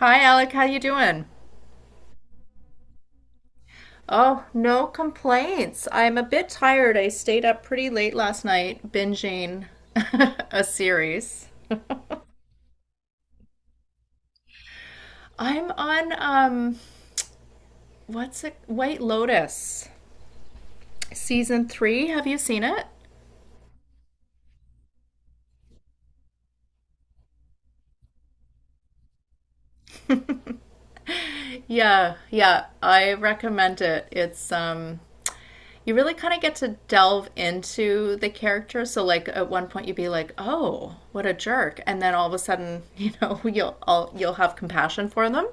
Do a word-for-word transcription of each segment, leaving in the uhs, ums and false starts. Hi, Alec. How you doing? Oh, no complaints. I'm a bit tired. I stayed up pretty late last night binging a series. I'm on um what's it? White Lotus. Season three. Have you seen it? Yeah, yeah. I recommend it. It's um you really kind of get to delve into the character. So, like at one point, you'd be like, "Oh, what a jerk," and then all of a sudden, you know, you'll all, you'll have compassion for them.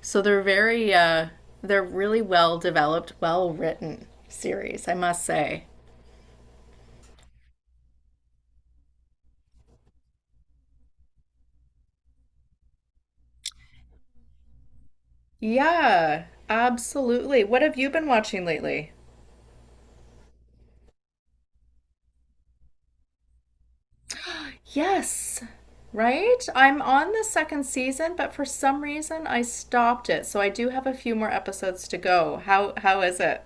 So they're very, uh, they're really well developed, well written series, I must say. Yeah, absolutely. What have you been watching lately? Yes, right. I'm on the second season, but for some reason, I stopped it. So I do have a few more episodes to go. How how is it?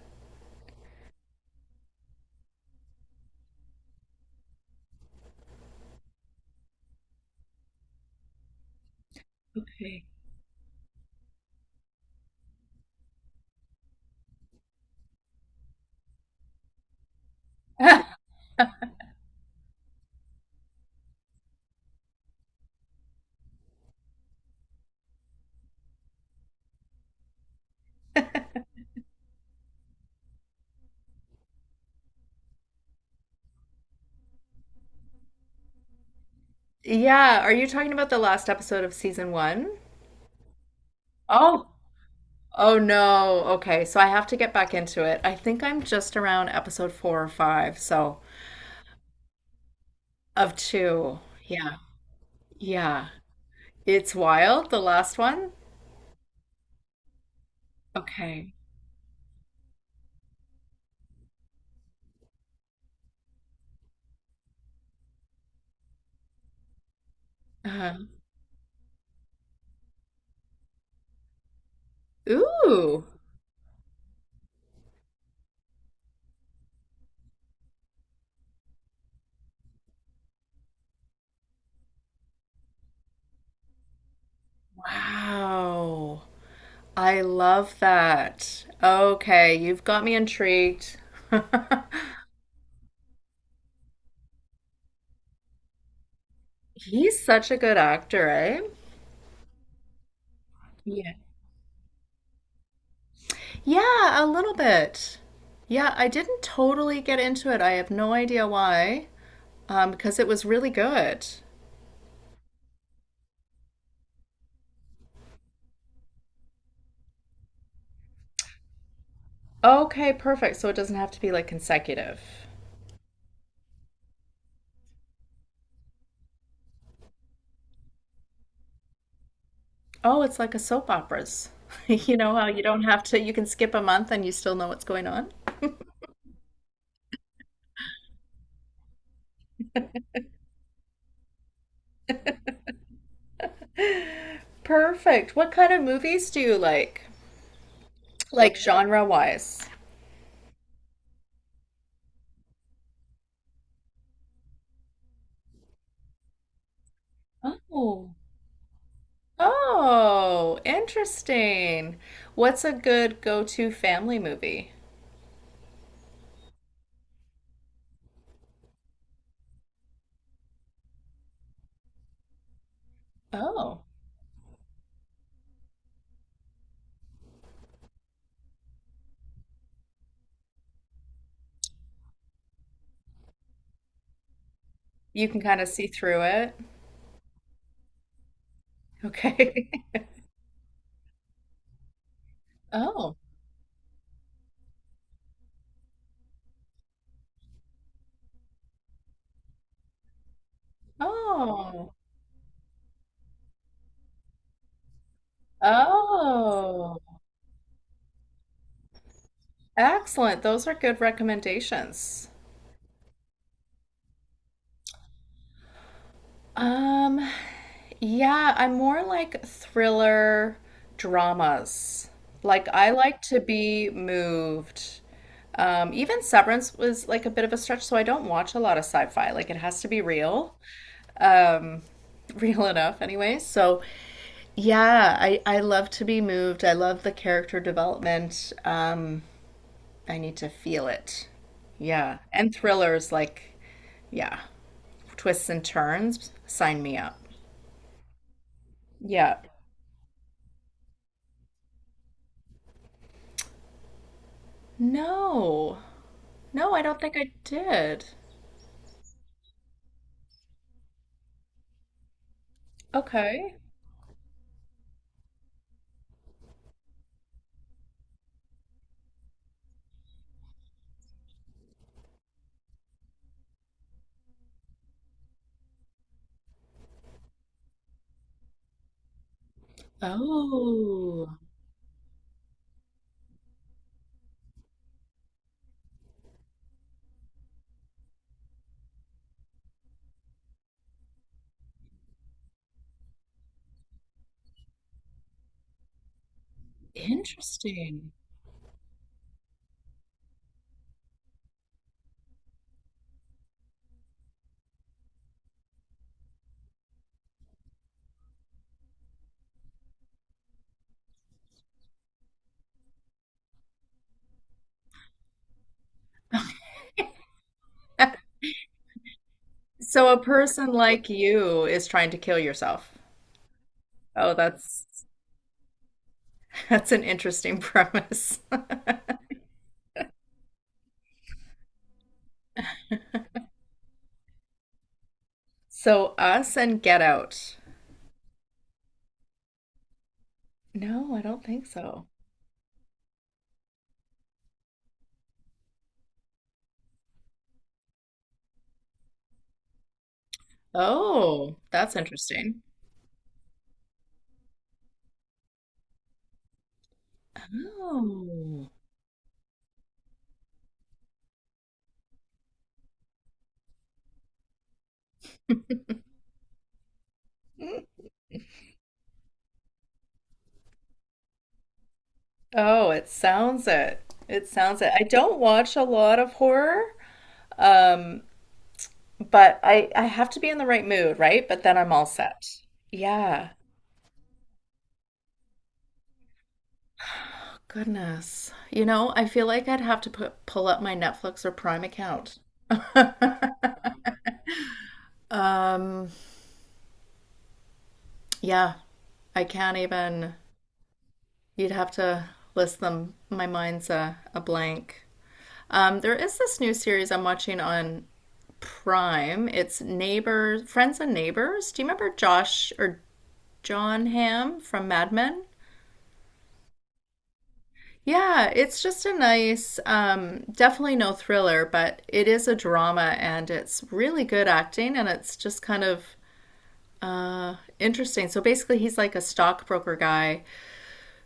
Yeah, are you talking about the last episode of season one? Oh. Oh no. Okay, so I have to get back into it. I think I'm just around episode four or five, so of two. Yeah. Yeah. It's wild, the last one. Okay. Uh, ooh. Wow. I love that. Okay, you've got me intrigued. He's such a good actor, eh? Yeah. Yeah, a little bit. Yeah, I didn't totally get into it. I have no idea why, um, because it was really good. Okay, perfect. So it doesn't have to be like consecutive. Oh, it's like a soap opera's. You know how you don't have to, you can skip a month and you still know what's going on? Perfect. What kind of movies do you like? Like genre wise? Oh. Oh, interesting. What's a good go-to family movie? Oh, you can kind of see through it. Okay. Oh. Oh. Oh. Excellent. Those are good recommendations. Um, yeah, I'm more like thriller dramas. Like I like to be moved. Um, even Severance was like a bit of a stretch, so I don't watch a lot of sci-fi. Like it has to be real. Um, real enough anyway. So yeah, I I love to be moved. I love the character development. Um I need to feel it. Yeah. And thrillers like, yeah, twists and turns, sign me up. Yeah. No. No, I don't think I did. Okay. Oh, interesting. So a person like you is trying to kill yourself. Oh, that's that's an interesting premise. So us and Get Out. No, I don't think so. Oh, that's interesting. Oh. Hmm. Oh, it sounds it. It sounds it. I don't watch a lot of horror, um, but I I have to be in the right mood, right? But then I'm all set. Yeah. Oh, goodness. You know, I feel like I'd have to put pull up my Netflix or Prime account. Um, yeah, I can't even. You'd have to list them. My mind's a, a blank. Um, there is this new series I'm watching on Prime. It's Neighbors, Friends and Neighbors. Do you remember Josh or John Hamm from Mad Men? Yeah, it's just a nice, um, definitely no thriller, but it is a drama and it's really good acting and it's just kind of uh, interesting. So basically, he's like a stockbroker guy,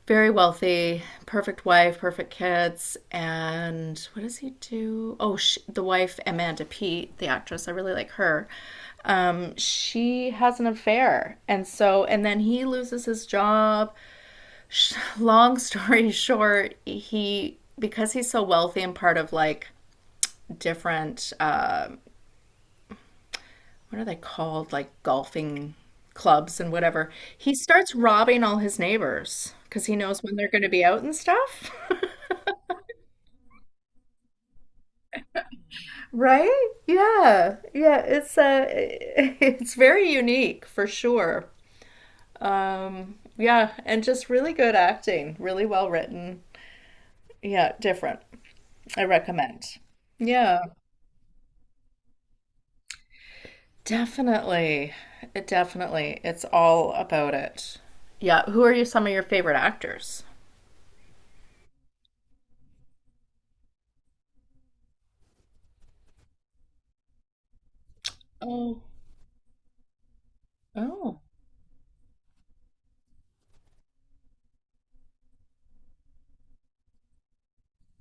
very wealthy, perfect wife, perfect kids, and what does he do? Oh, she, the wife Amanda Peet, the actress, I really like her. Um, she has an affair, and so and then he loses his job. Long story short, he, because he's so wealthy and part of like different uh, what are they called like golfing clubs and whatever, he starts robbing all his neighbors because he knows when they're going to be out and stuff. Right? Yeah. Yeah, it's uh it's very unique for sure. Um yeah, and just really good acting, really well written. Yeah, different. I recommend. Yeah, definitely. It definitely. It's all about it. Yeah, who are you, some of your favorite actors? Oh, oh,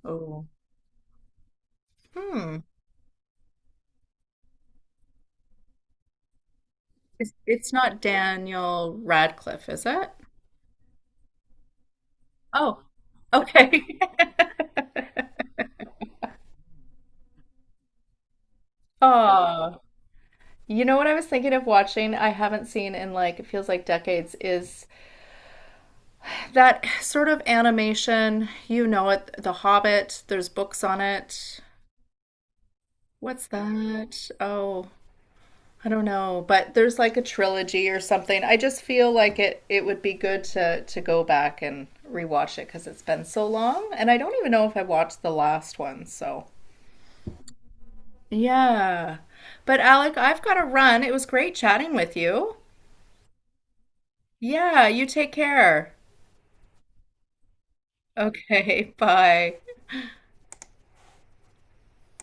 oh. Hmm. It's, it's not Daniel Radcliffe, is it? Oh, okay. Oh. You know what I was thinking of watching I haven't seen in like it feels like decades is that sort of animation, you know it, The Hobbit, there's books on it. What's that? Oh, I don't know, but there's like a trilogy or something. I just feel like it it would be good to to go back and rewatch it because it's been so long, and I don't even know if I watched the last one, so yeah. But Alec, I've got to run. It was great chatting with you. Yeah, you take care. Okay, bye.